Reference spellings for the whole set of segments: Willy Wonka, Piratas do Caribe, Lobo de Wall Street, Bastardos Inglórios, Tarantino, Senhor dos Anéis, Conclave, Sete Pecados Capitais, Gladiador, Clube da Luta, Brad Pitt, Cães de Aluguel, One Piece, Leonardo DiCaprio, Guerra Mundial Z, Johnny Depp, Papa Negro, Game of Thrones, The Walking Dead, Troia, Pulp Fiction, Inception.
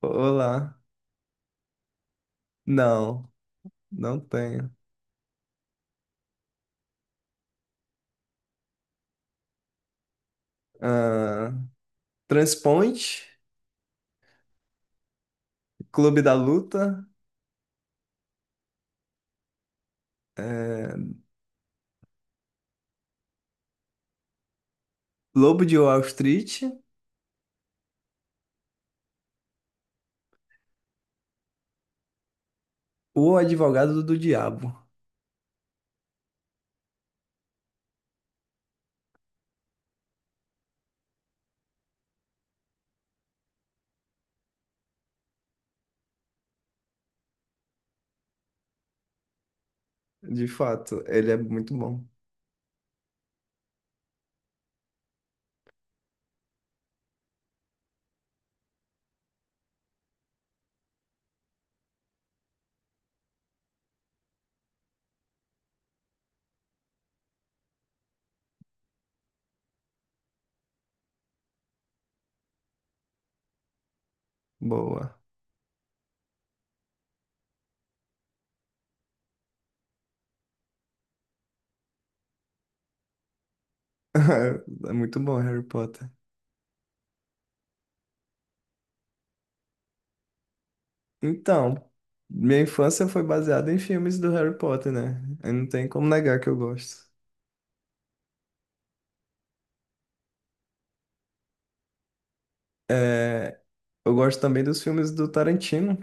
Olá. Não, não tenho. Ah, Transponte, Clube da Luta, eh, Lobo de Wall Street, O Advogado do Diabo. De fato, ele é muito bom. Boa. É muito bom, Harry Potter. Então, minha infância foi baseada em filmes do Harry Potter, né? Eu não tem como negar que eu gosto. É, eu gosto também dos filmes do Tarantino.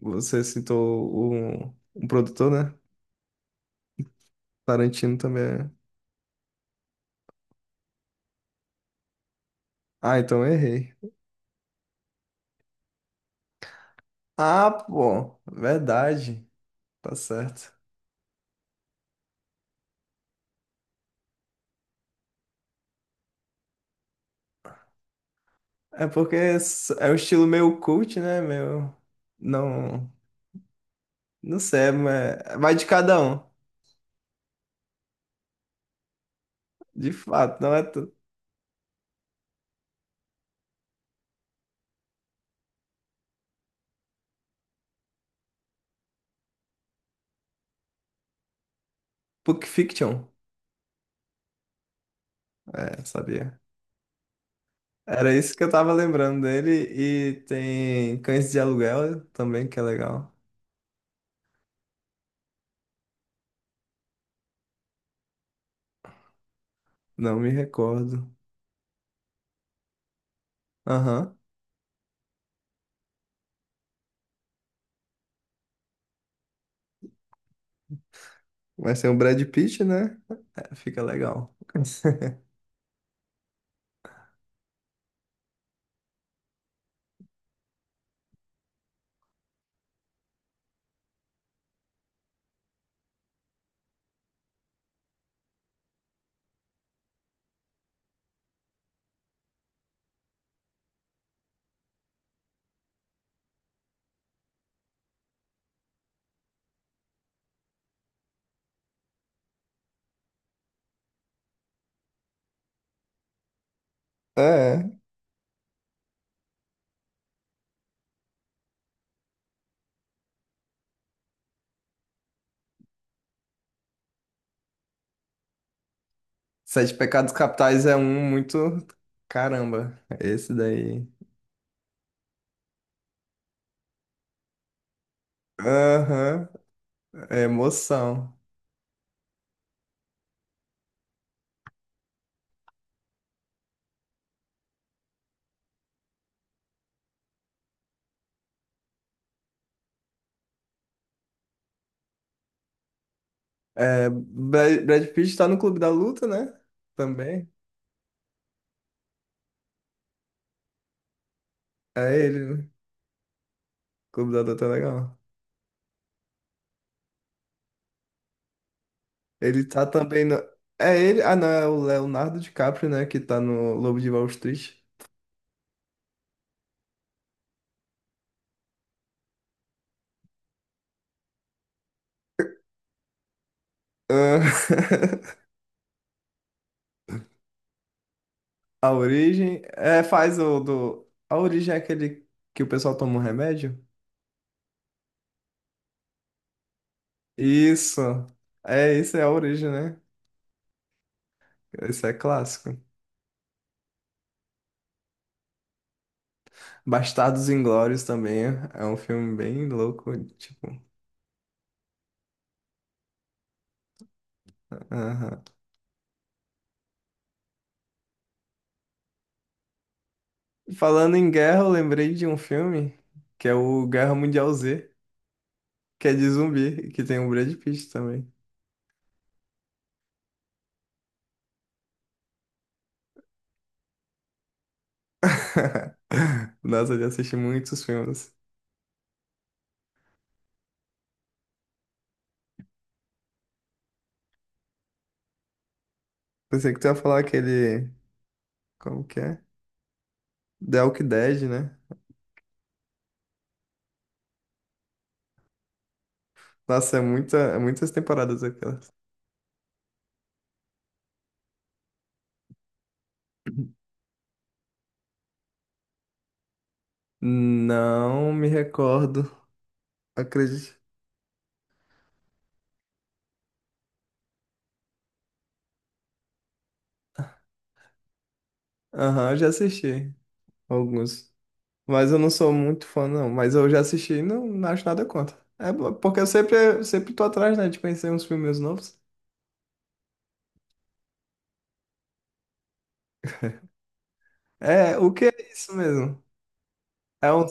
Você citou o, um produtor, né? Tarantino também é. Ah, então eu errei. Ah, pô, verdade. Tá certo. É porque é um estilo meio cult, né? Meu. Não. Não sei, mas vai de cada um. De fato, não é. Pulp Fiction. É, sabia. Era isso que eu tava lembrando dele. E tem Cães de Aluguel também, que é legal. Não me recordo. Aham. Vai ser o Brad Pitt, né? É, fica legal. É. Sete Pecados Capitais é um muito. Caramba, esse daí. Aham, é emoção. É, Brad Pitt tá no Clube da Luta, né? Também. É ele, né? Clube da Luta é legal. Ele tá também no. É ele. Ah, não, é o Leonardo DiCaprio, né? Que tá no Lobo de Wall Street. Ah, a origem. É, faz o do. A origem é aquele que o pessoal toma um remédio? Isso. É, isso é a origem, né? Isso é clássico. Bastardos Inglórios também é um filme bem louco, tipo. Aham. Falando em guerra, eu lembrei de um filme que é o Guerra Mundial Z, que é de zumbi, que tem o Brad Pitt também. Nossa, eu já assisti muitos filmes. Pensei que tu ia falar aquele. Como que é? The Walking Dead, né? Nossa, é muita, é muitas temporadas aquelas. Não me recordo, acredite. Aham, eu já assisti alguns. Mas eu não sou muito fã, não. Mas eu já assisti e não, não acho nada contra. Porque eu sempre, sempre tô atrás, né, de conhecer uns filmes novos. É, o que é isso mesmo? É um.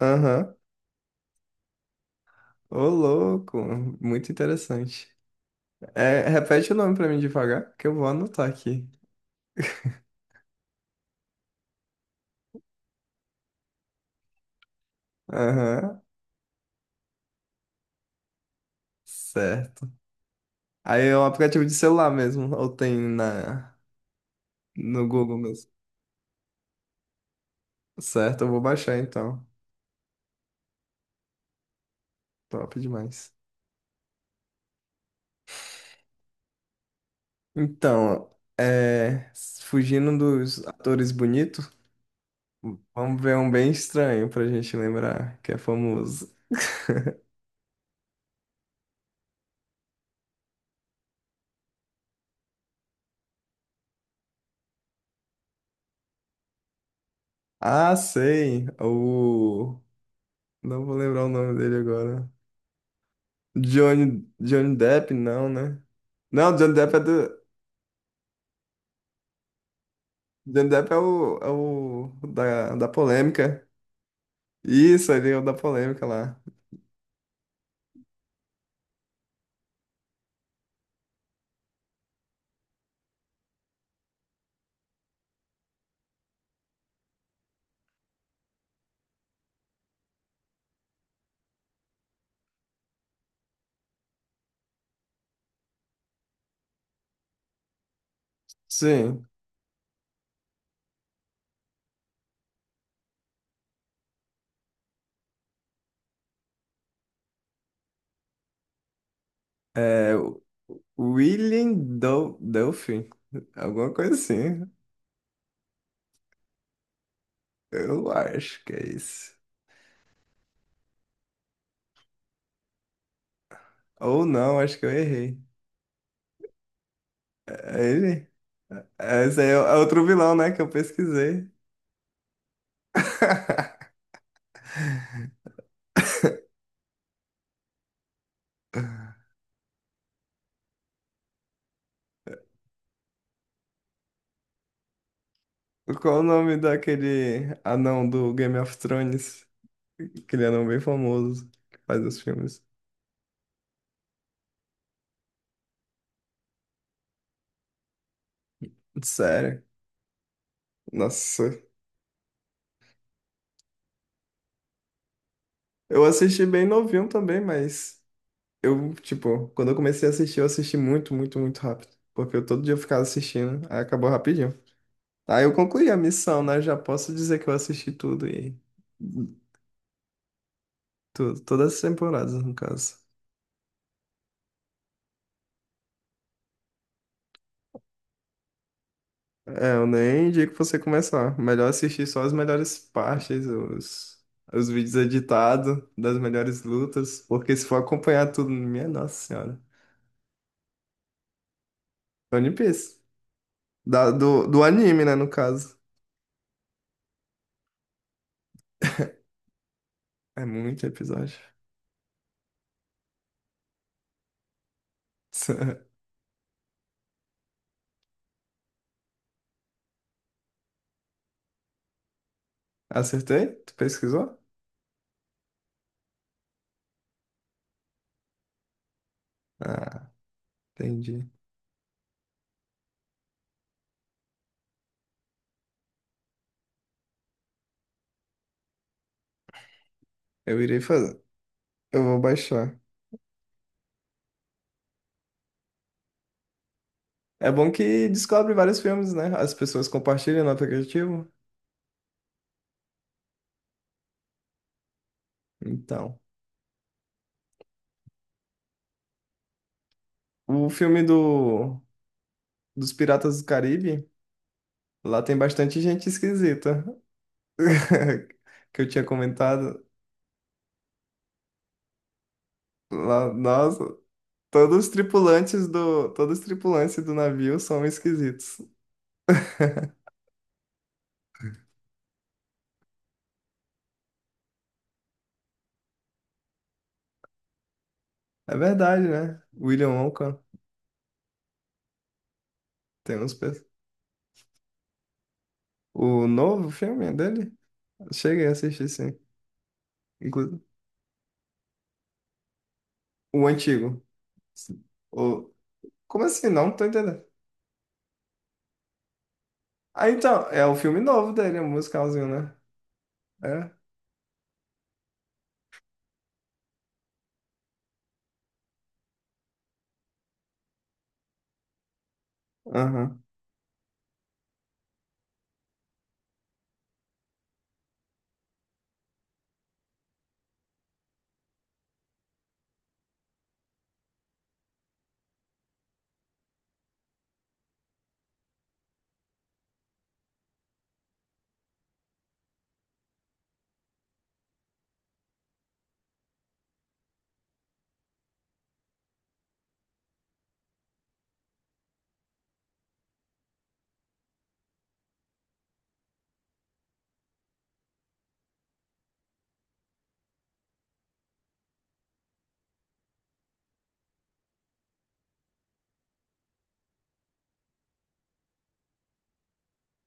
Aham. Ô, louco. Muito interessante. É, repete o nome pra mim devagar, que eu vou anotar aqui. Aham. Certo. Aí é um aplicativo de celular mesmo, ou tem na, no Google mesmo. Certo, eu vou baixar então. Top demais. Então, é, fugindo dos atores bonitos. Vamos ver um bem estranho pra gente lembrar, que é famoso. Ah, sei. O. Não vou lembrar o nome dele agora. Johnny Depp, não, né? Não, Johnny Depp é do. Johnny Depp é o, é o da polêmica. Isso, ele é o da polêmica lá. Sim. É o William Duffy. Alguma coisa assim. Eu acho que é isso. Ou não, acho que eu errei. É ele? É, esse aí é outro vilão, né? Que eu pesquisei. Qual o nome daquele anão do Game of Thrones? Aquele anão bem famoso que faz os filmes. Sério. Nossa. Eu assisti bem novinho também, mas eu, tipo, quando eu comecei a assistir, eu assisti muito rápido. Porque eu todo dia ficava assistindo, aí acabou rapidinho. Aí eu concluí a missão, né? Já posso dizer que eu assisti tudo e todas as temporadas, no caso. É, eu nem indico você começar. Melhor assistir só as melhores partes, os vídeos editados das melhores lutas, porque se for acompanhar tudo, minha nossa senhora. One Piece. Do anime, né, no caso. É muito episódio. Acertei? Tu pesquisou? Ah, entendi. Eu irei fazer. Eu vou baixar. É bom que descobre vários filmes, né? As pessoas compartilham no aplicativo. Então. O filme do dos Piratas do Caribe, lá tem bastante gente esquisita. Que eu tinha comentado lá, nossa, todos os tripulantes do, todos os tripulantes do navio são esquisitos. É verdade, né? William Wonka tem O novo filme dele? Cheguei a assistir, sim. Inclu- O antigo. O... Como assim? Não tô entendendo. Ah, então, é o filme novo dele, o musicalzinho, né? É? Aham.